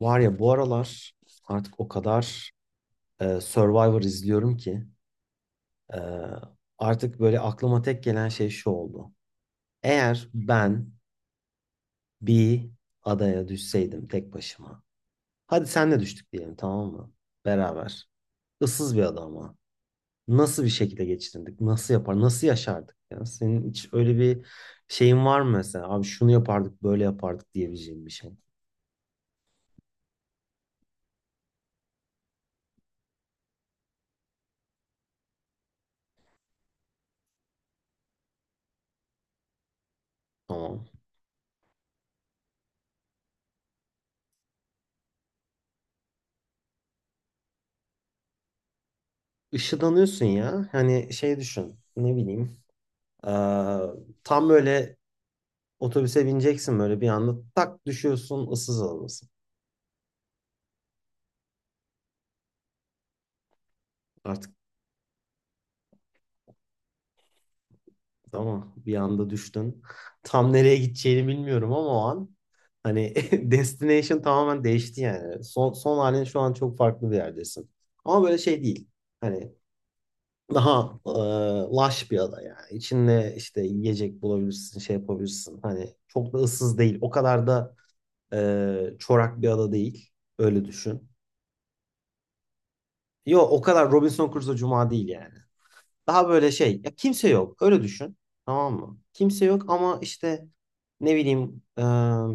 Var ya bu aralar artık o kadar Survivor izliyorum ki e, artık böyle aklıma tek gelen şey şu oldu. Eğer ben bir adaya düşseydim tek başıma. Hadi senle düştük diyelim, tamam mı? Beraber. Issız bir ada ama. Nasıl bir şekilde geçinirdik? Nasıl yapar? Nasıl yaşardık ya? Senin hiç öyle bir şeyin var mı mesela? Abi şunu yapardık, böyle yapardık diyebileceğin bir şey. Tamam. Işıdanıyorsun ya. Hani şey düşün. Ne bileyim. Ee, Tam böyle otobüse bineceksin, böyle bir anda tak düşüyorsun, ıssız adadasın. Artık ama bir anda düştün. Tam nereye gideceğini bilmiyorum ama o an hani destination tamamen değişti yani. Son, son halin, şu an çok farklı bir yerdesin. Ama böyle şey değil. Hani daha laş bir ada yani. İçinde işte yiyecek bulabilirsin, şey yapabilirsin. Hani çok da ıssız değil. O kadar da çorak bir ada değil. Öyle düşün. Yo, o kadar Robinson Crusoe Cuma değil yani. Daha böyle şey. Ya kimse yok. Öyle düşün. Tamam mı? Kimse yok ama işte ne bileyim,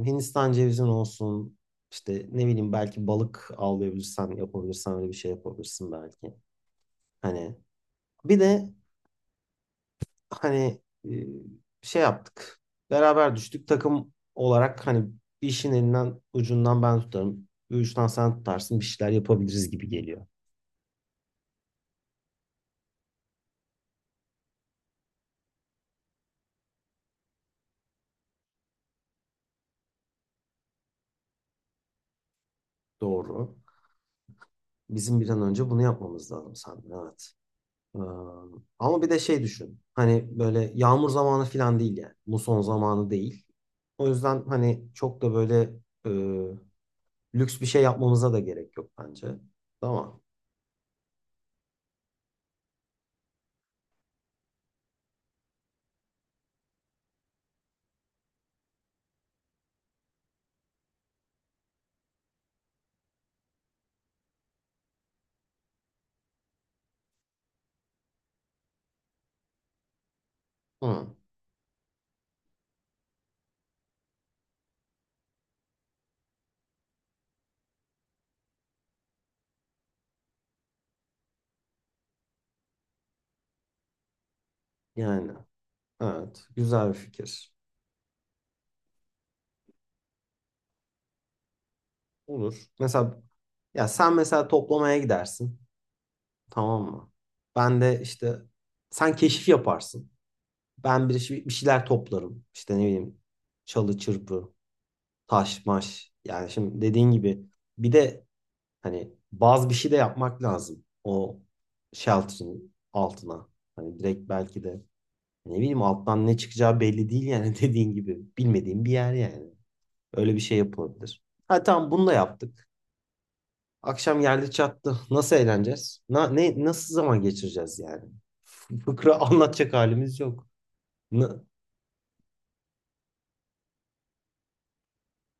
Hindistan cevizin olsun. İşte ne bileyim, belki balık avlayabilirsen, yapabilirsen öyle bir şey yapabilirsin belki. Hani bir de hani şey yaptık. Beraber düştük. Takım olarak hani bir işin elinden ucundan ben tutarım. Bir uçtan sen tutarsın. Bir şeyler yapabiliriz gibi geliyor. Doğru. Bizim bir an önce bunu yapmamız lazım sanırım. Evet. Ee, Ama bir de şey düşün. Hani böyle yağmur zamanı falan değil yani. Muson zamanı değil. O yüzden hani çok da böyle e, lüks bir şey yapmamıza da gerek yok bence. Tamam. Hı. Yani evet, güzel bir fikir. Olur. Mesela ya sen mesela toplamaya gidersin. Tamam mı? Ben de işte sen keşif yaparsın. Ben bir şeyler toplarım. İşte ne bileyim, çalı çırpı, taş maş. Yani şimdi dediğin gibi bir de hani bazı bir şey de yapmak lazım o shelter'ın altına. Hani direkt belki de ne bileyim, alttan ne çıkacağı belli değil yani dediğin gibi. Bilmediğim bir yer yani. Öyle bir şey yapılabilir. Ha tamam, bunu da yaptık. Akşam geldi çattı. Nasıl eğleneceğiz? Nasıl zaman geçireceğiz yani? Fıkra anlatacak halimiz yok. N-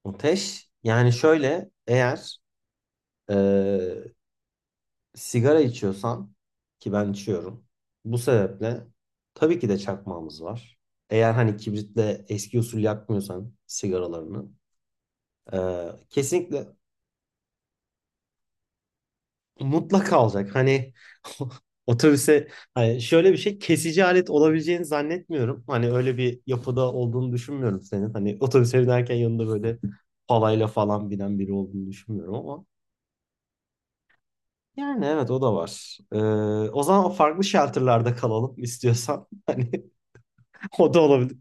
Ateş yani şöyle, eğer eee, sigara içiyorsan, ki ben içiyorum. Bu sebeple tabii ki de çakmağımız var. Eğer hani kibritle eski usul yakmıyorsan sigaralarını, e, kesinlikle, mutlaka alacak. Hani otobüse hani şöyle bir şey kesici alet olabileceğini zannetmiyorum. Hani öyle bir yapıda olduğunu düşünmüyorum senin. Hani otobüse binerken yanında böyle palayla falan binen biri olduğunu düşünmüyorum ama yani evet, o da var. E, o zaman farklı shelter'larda kalalım istiyorsan. Hani o da olabilir.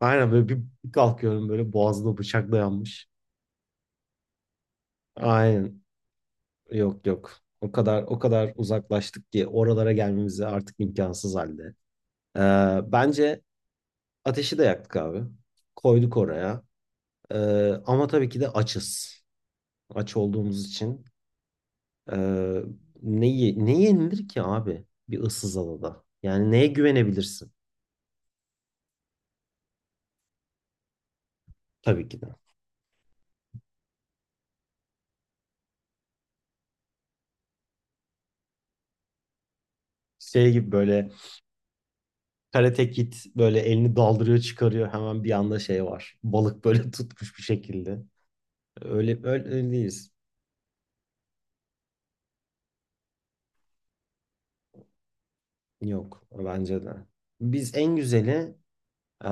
Aynen, böyle bir bir kalkıyorum, böyle boğazına bıçak dayanmış. Aynen. Yok yok. O kadar uzaklaştık ki oralara gelmemize artık imkansız halde. Bence ateşi de yaktık abi. Koyduk oraya. Ama tabii ki de açız. Aç olduğumuz için. Ee, Ne yenilir ki abi bir ıssız adada? Yani neye güvenebilirsin? Tabii ki de. Şey gibi böyle Karate Kid böyle elini daldırıyor çıkarıyor, hemen bir anda şey var. Balık böyle tutmuş bir şekilde. Öyle öyle değiliz. Yok, bence de. Biz en güzeli eee,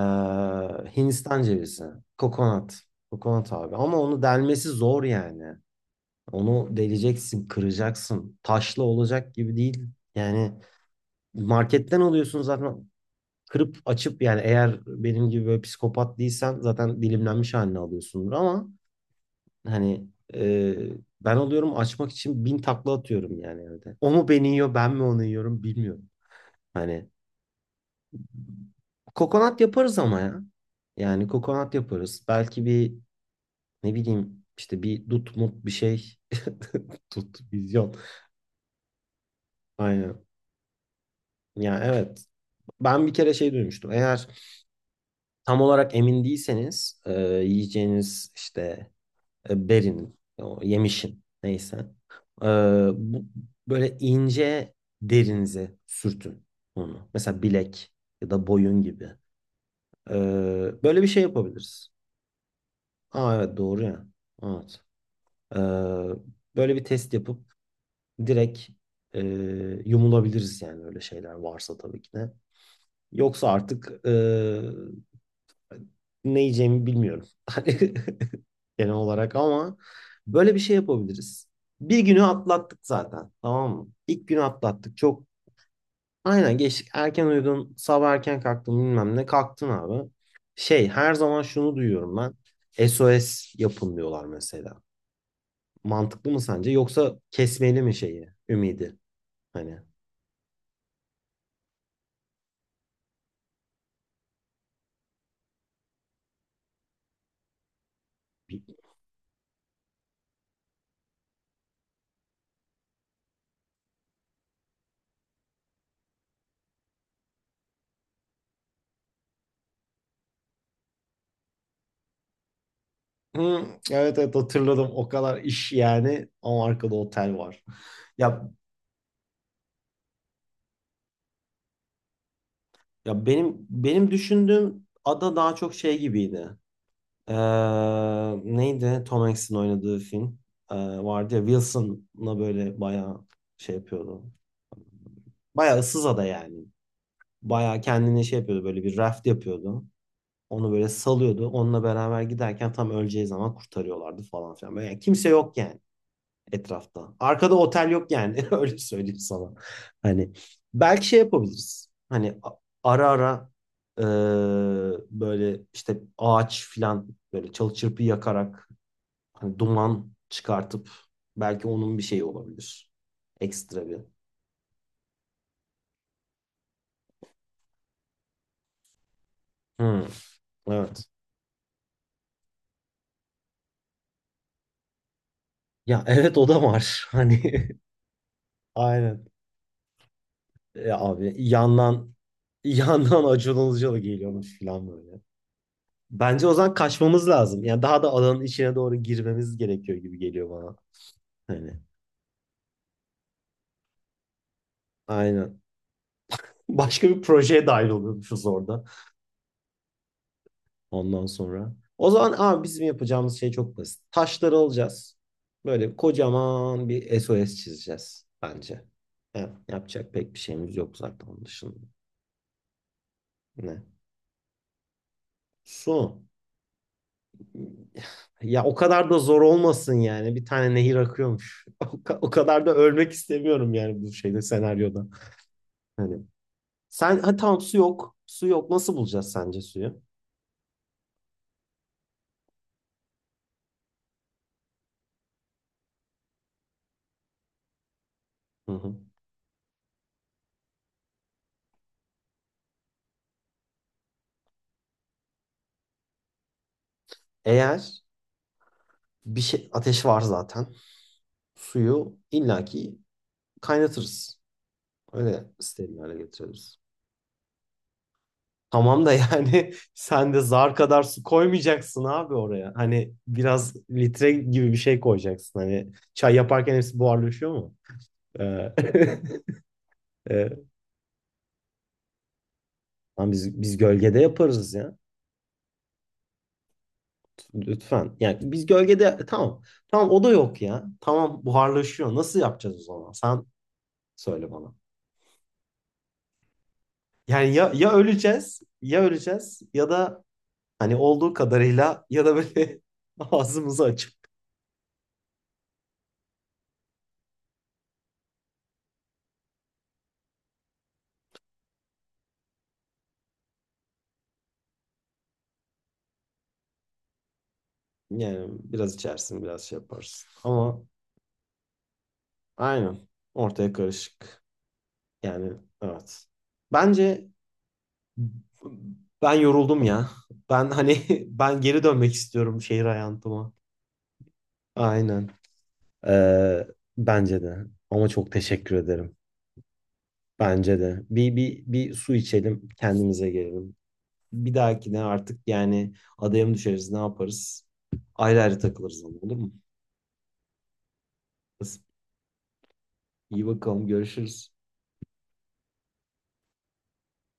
Hindistan cevizi. Kokonat. Kokonat abi. Ama onu delmesi zor yani. Onu deleceksin, kıracaksın. Taşlı olacak gibi değil. Yani marketten alıyorsun zaten, kırıp açıp, yani eğer benim gibi böyle psikopat değilsen zaten dilimlenmiş halini alıyorsundur ama hani e, ben oluyorum açmak için bin takla atıyorum yani evde. O mu beni yiyor, ben mi onu yiyorum bilmiyorum. Hani kokonat yaparız ama ya. Yani kokonat yaparız. Belki bir ne bileyim işte bir dut mut bir şey. Tut vizyon. Aynen. Ya evet. Ben bir kere şey duymuştum. Eğer tam olarak emin değilseniz yiyeceğiniz işte berinin, o yemişin neyse. Ee, Bu, böyle ince derinize sürtün onu. Mesela bilek ya da boyun gibi. Ee, Böyle bir şey yapabiliriz. Aa evet, doğru ya. Evet. Ee, Böyle bir test yapıp direkt e, yumulabiliriz yani öyle şeyler varsa tabii ki de. Yoksa artık ne yiyeceğimi bilmiyorum. Genel olarak ama böyle bir şey yapabiliriz. Bir günü atlattık zaten. Tamam mı? İlk günü atlattık. Çok aynen geçtik. Erken uyudun, sabah erken kalktın bilmem ne. Kalktın abi. Şey, her zaman şunu duyuyorum ben. SOS yapın diyorlar mesela. Mantıklı mı sence? Yoksa kesmeli mi şeyi, ümidi? Hani bir- hı, evet evet, hatırladım. O kadar iş yani ama arkada otel var. Ya ya benim düşündüğüm ada daha çok şey gibiydi. Ee, Neydi Tom Hanks'in oynadığı film, vardı ya, Wilson'la böyle bayağı şey yapıyordu. Bayağı ıssız ada yani. Bayağı kendine şey yapıyordu, böyle bir raft yapıyordu. Onu böyle salıyordu. Onunla beraber giderken tam öleceği zaman kurtarıyorlardı falan filan. Böyle yani kimse yok yani etrafta. Arkada otel yok yani öyle söyleyeyim sana. Hani belki şey yapabiliriz. Ara ara e, böyle işte ağaç filan, böyle çalı çırpı yakarak hani duman çıkartıp, belki onun bir şeyi olabilir. Ekstra bir. Hmm, evet. Ya evet, o da var. Hani aynen. Ya abi yandan Acun Ilıcalı geliyormuş falan böyle. Bence o zaman kaçmamız lazım. Yani daha da alanın içine doğru girmemiz gerekiyor gibi geliyor bana. Hani aynen. Başka bir projeye dahil oluyormuşuz orada. Ondan sonra. O zaman abi bizim yapacağımız şey çok basit. Taşları alacağız. Böyle kocaman bir SOS çizeceğiz bence. Evet, yapacak pek bir şeyimiz yok zaten onun dışında. Ne? Su. Ya o kadar da zor olmasın yani. Bir tane nehir akıyormuş. O kadar da ölmek istemiyorum yani bu şeyde, senaryoda. Hani sen ha tamam, su yok. Su yok. Nasıl bulacağız sence suyu? Hı hı. Eğer bir şey ateş var zaten. Suyu illaki kaynatırız. Öyle steril hale getiririz. Tamam da yani sen de zar kadar su koymayacaksın abi oraya. Hani biraz litre gibi bir şey koyacaksın. Hani çay yaparken hepsi buharlaşıyor mu? Ee, e, lan biz gölgede yaparız ya. Lütfen. Yani biz gölgede, tamam. Tamam, o da yok ya. Tamam, buharlaşıyor. Nasıl yapacağız o zaman? Sen söyle bana. Yani ya öleceğiz, ya öleceğiz ya da hani olduğu kadarıyla, ya da böyle ağzımızı açıp. Yani biraz içersin, biraz şey yaparsın. Ama aynen, ortaya karışık. Yani evet. Bence ben yoruldum ya. Ben hani ben geri dönmek istiyorum şehir hayatıma. Aynen. Ee, Bence de. Ama çok teşekkür ederim. Bence de. Bir su içelim, kendimize gelelim. Bir dahakine artık yani adaya mı düşeriz, ne yaparız? Ayrı ayrı takılırız ama olur mu? İyi bakalım, görüşürüz.